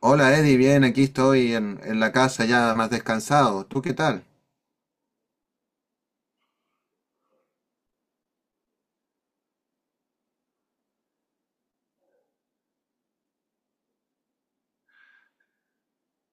Hola Eddie, bien, aquí estoy en la casa ya más descansado. ¿Tú qué tal?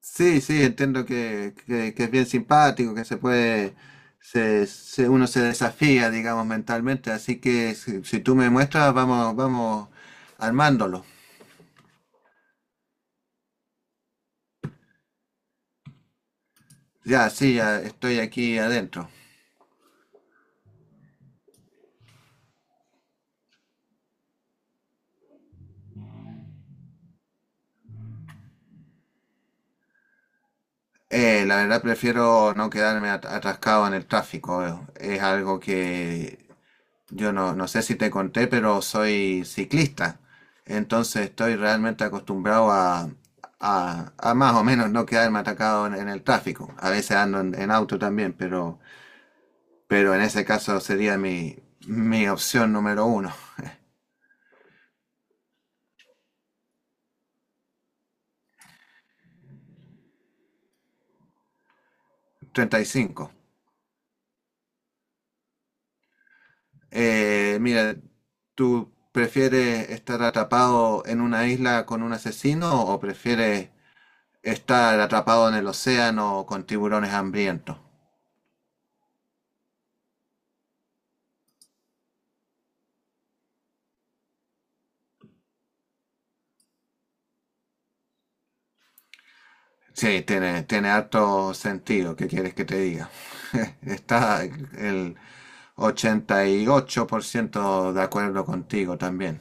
Sí, entiendo que es bien simpático, que se puede, uno se desafía, digamos, mentalmente, así que si tú me muestras, vamos, vamos armándolo. Ya, sí, ya estoy aquí adentro. La verdad prefiero no quedarme atascado en el tráfico. Es algo que yo no sé si te conté, pero soy ciclista. Entonces estoy realmente acostumbrado a, a más o menos no quedarme atacado en el tráfico. A veces ando en auto también, pero en ese caso sería mi opción número uno. 35. Mira, ¿tú prefieres estar atrapado en una isla con un asesino o prefieres estar atrapado en el océano con tiburones hambrientos? Sí, tiene harto sentido, ¿qué quieres que te diga? Está el 88% de acuerdo contigo también.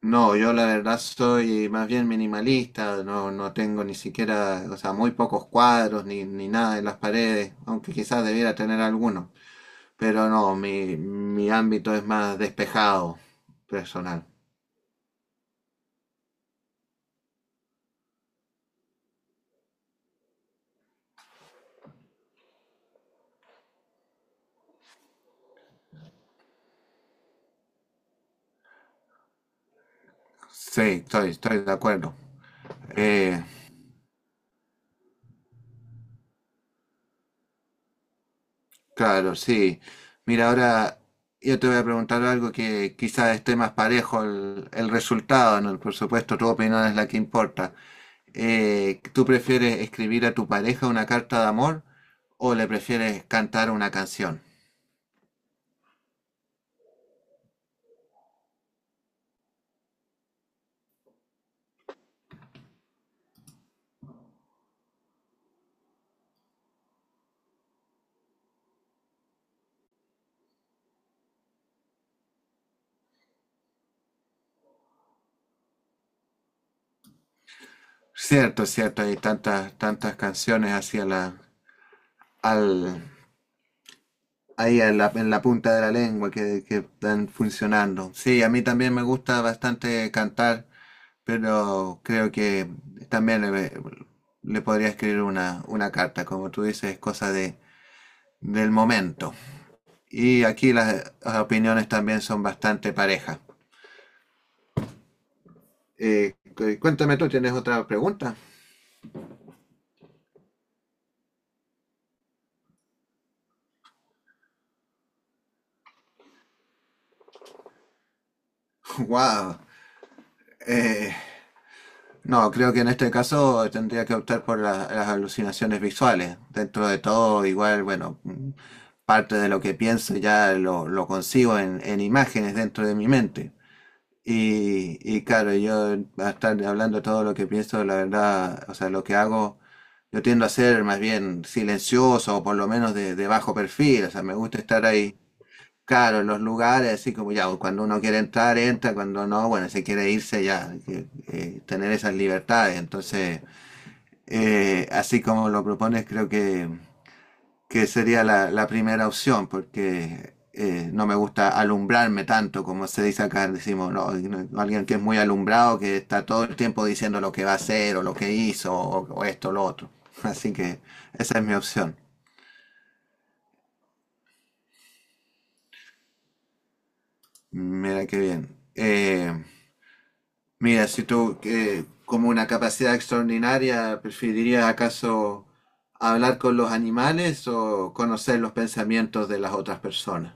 No, yo la verdad soy más bien minimalista, no tengo ni siquiera, o sea, muy pocos cuadros ni nada en las paredes, aunque quizás debiera tener alguno. Pero no, mi ámbito es más despejado, personal. Sí, estoy de acuerdo. Eh, Claro, sí. Mira, ahora yo te voy a preguntar algo que quizás esté más parejo el resultado, ¿no? Por supuesto, tu opinión es la que importa. ¿Tú prefieres escribir a tu pareja una carta de amor o le prefieres cantar una canción? Cierto, cierto, hay tantas canciones hacia al, ahí en en la punta de la lengua que están funcionando. Sí, a mí también me gusta bastante cantar. Pero creo que también le podría escribir una carta, como tú dices, es cosa de, del momento. Y aquí las opiniones también son bastante parejas. Cuéntame tú, ¿tienes otra pregunta? Wow. Eh, no, creo que en este caso tendría que optar por las alucinaciones visuales. Dentro de todo, igual, bueno, parte de lo que pienso ya lo consigo en imágenes dentro de mi mente. Y claro, yo a estar hablando todo lo que pienso, la verdad, o sea, lo que hago, yo tiendo a ser más bien silencioso o por lo menos de bajo perfil, o sea, me gusta estar ahí, claro, en los lugares, así como ya, cuando uno quiere entrar, entra, cuando no, bueno, si quiere irse ya, que, tener esas libertades. Entonces, así como lo propones, creo que sería la primera opción, porque no me gusta alumbrarme tanto, como se dice acá, decimos, no, no, alguien que es muy alumbrado, que está todo el tiempo diciendo lo que va a hacer o lo que hizo o esto o lo otro. Así que esa es mi opción. Mira qué bien. Eh, Mira, si tú como una capacidad extraordinaria, ¿preferirías acaso hablar con los animales o conocer los pensamientos de las otras personas?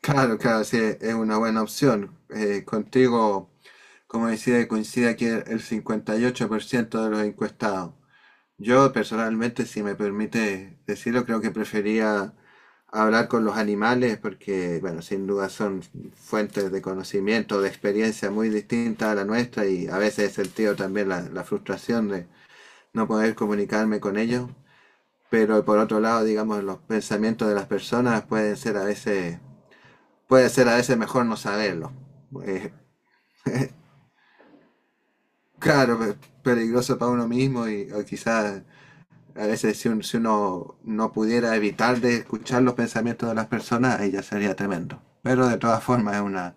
Claro, claro, sí, es una buena opción. Contigo, como decía, coincide aquí el 58% de los encuestados. Yo personalmente, si me permite decirlo, creo que prefería hablar con los animales porque, bueno, sin duda son fuentes de conocimiento, de experiencia muy distintas a la nuestra y a veces he sentido también la frustración de no poder comunicarme con ellos. Pero por otro lado, digamos, los pensamientos de las personas pueden ser a veces puede ser a veces mejor no saberlo. Eh, claro, peligroso para uno mismo y o quizás a veces si, si uno no pudiera evitar de escuchar los pensamientos de las personas, ahí ya sería tremendo. Pero de todas formas es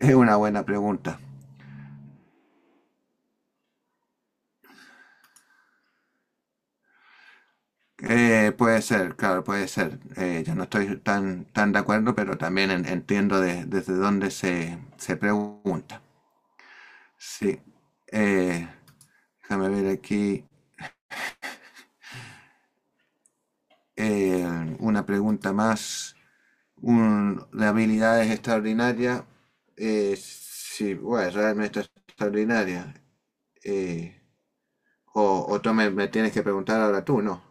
es una buena pregunta. Puede ser, claro, puede ser. Yo no estoy tan de acuerdo, pero también entiendo desde dónde se pregunta. Sí. Eh, Déjame ver aquí una pregunta más. Un- de habilidades extraordinarias. Eh, sí, bueno, realmente extraordinaria. Eh, o tú me tienes que preguntar ahora tú, ¿no?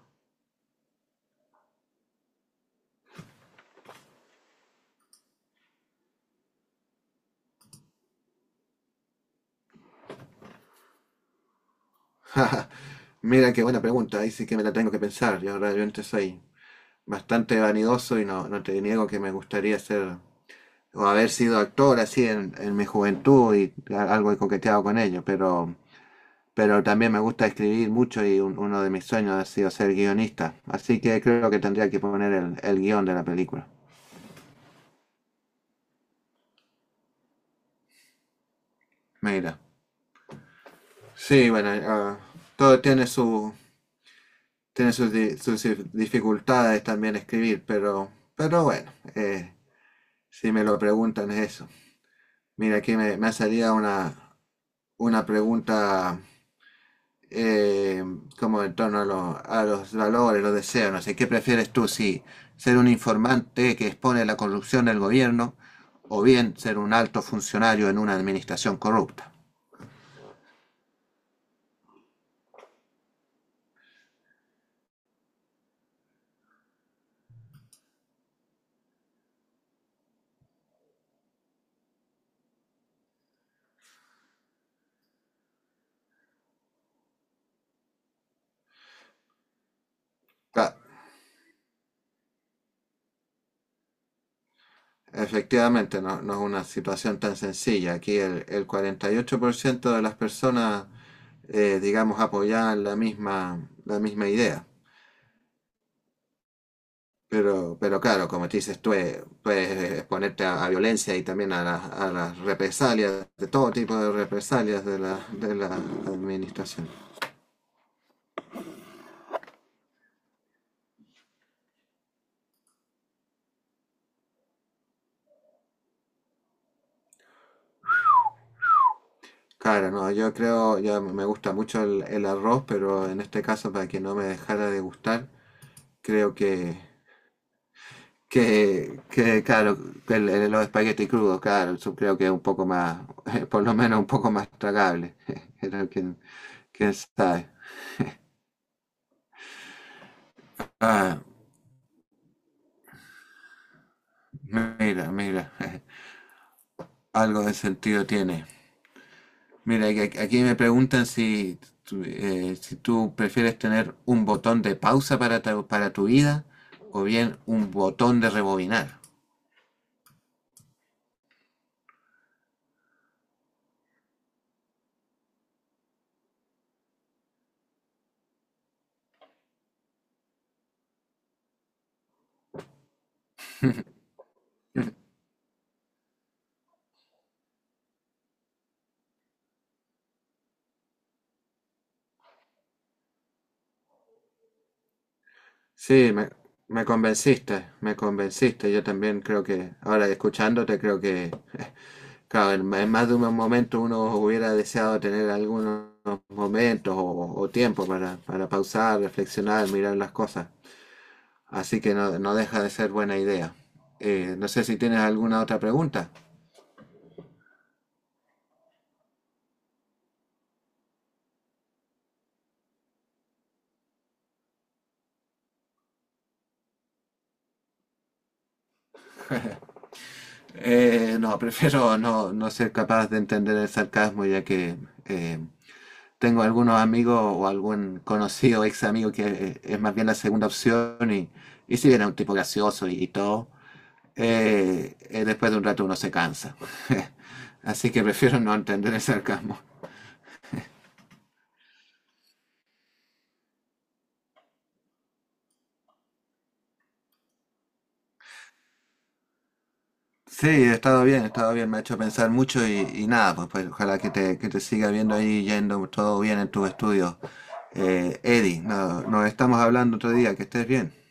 Mira qué buena pregunta, ahí sí que me la tengo que pensar. Yo realmente soy bastante vanidoso y no, no te niego que me gustaría ser o haber sido actor así en mi juventud y algo he coqueteado con ello, pero también me gusta escribir mucho y uno de mis sueños ha sido ser guionista. Así que creo que tendría que poner el guión de la película. Mira. Sí, bueno, ah, todo tiene su tiene sus dificultades también escribir, pero bueno, si me lo preguntan es eso. Mira, aquí me salía una pregunta eh, como en torno a, a los valores, los deseos, no sé, ¿qué prefieres tú? Si ser un informante que expone la corrupción del gobierno o bien ser un alto funcionario en una administración corrupta. Ca- Efectivamente, no, no es una situación tan sencilla. Aquí el 48% de las personas, digamos, apoyaban la misma idea. Pero claro, como te dices, tú puedes exponerte a violencia y también a a las represalias, de todo tipo de represalias de de la administración. Claro, no, yo creo, ya me gusta mucho el arroz, pero en este caso, para que no me dejara de gustar, creo que claro, que los espaguetis crudos, claro, eso creo que es un poco más, por lo menos un poco más tragable. Creo que, quién sabe. Ah, mira, mira. Algo de sentido tiene. Mira, aquí aquí me preguntan si, si tú prefieres tener un botón de pausa para para tu vida o bien un botón de rebobinar. Sí, me convenciste, me convenciste. Yo también creo que, ahora escuchándote, creo que, claro, en más de un momento uno hubiera deseado tener algunos momentos o tiempo para pausar, reflexionar, mirar las cosas. Así que no, no deja de ser buena idea. No sé si tienes alguna otra pregunta. No, prefiero no ser capaz de entender el sarcasmo ya que eh, tengo algunos amigos o algún conocido ex amigo que es más bien la segunda opción y si bien es un tipo gracioso y todo, después de un rato uno se cansa. Así que prefiero no entender el sarcasmo. Sí, he estado bien, me ha hecho pensar mucho y nada, pues, pues, ojalá que te siga viendo ahí yendo todo bien en tus estudios. Eddie, nos estamos hablando otro día, que estés bien.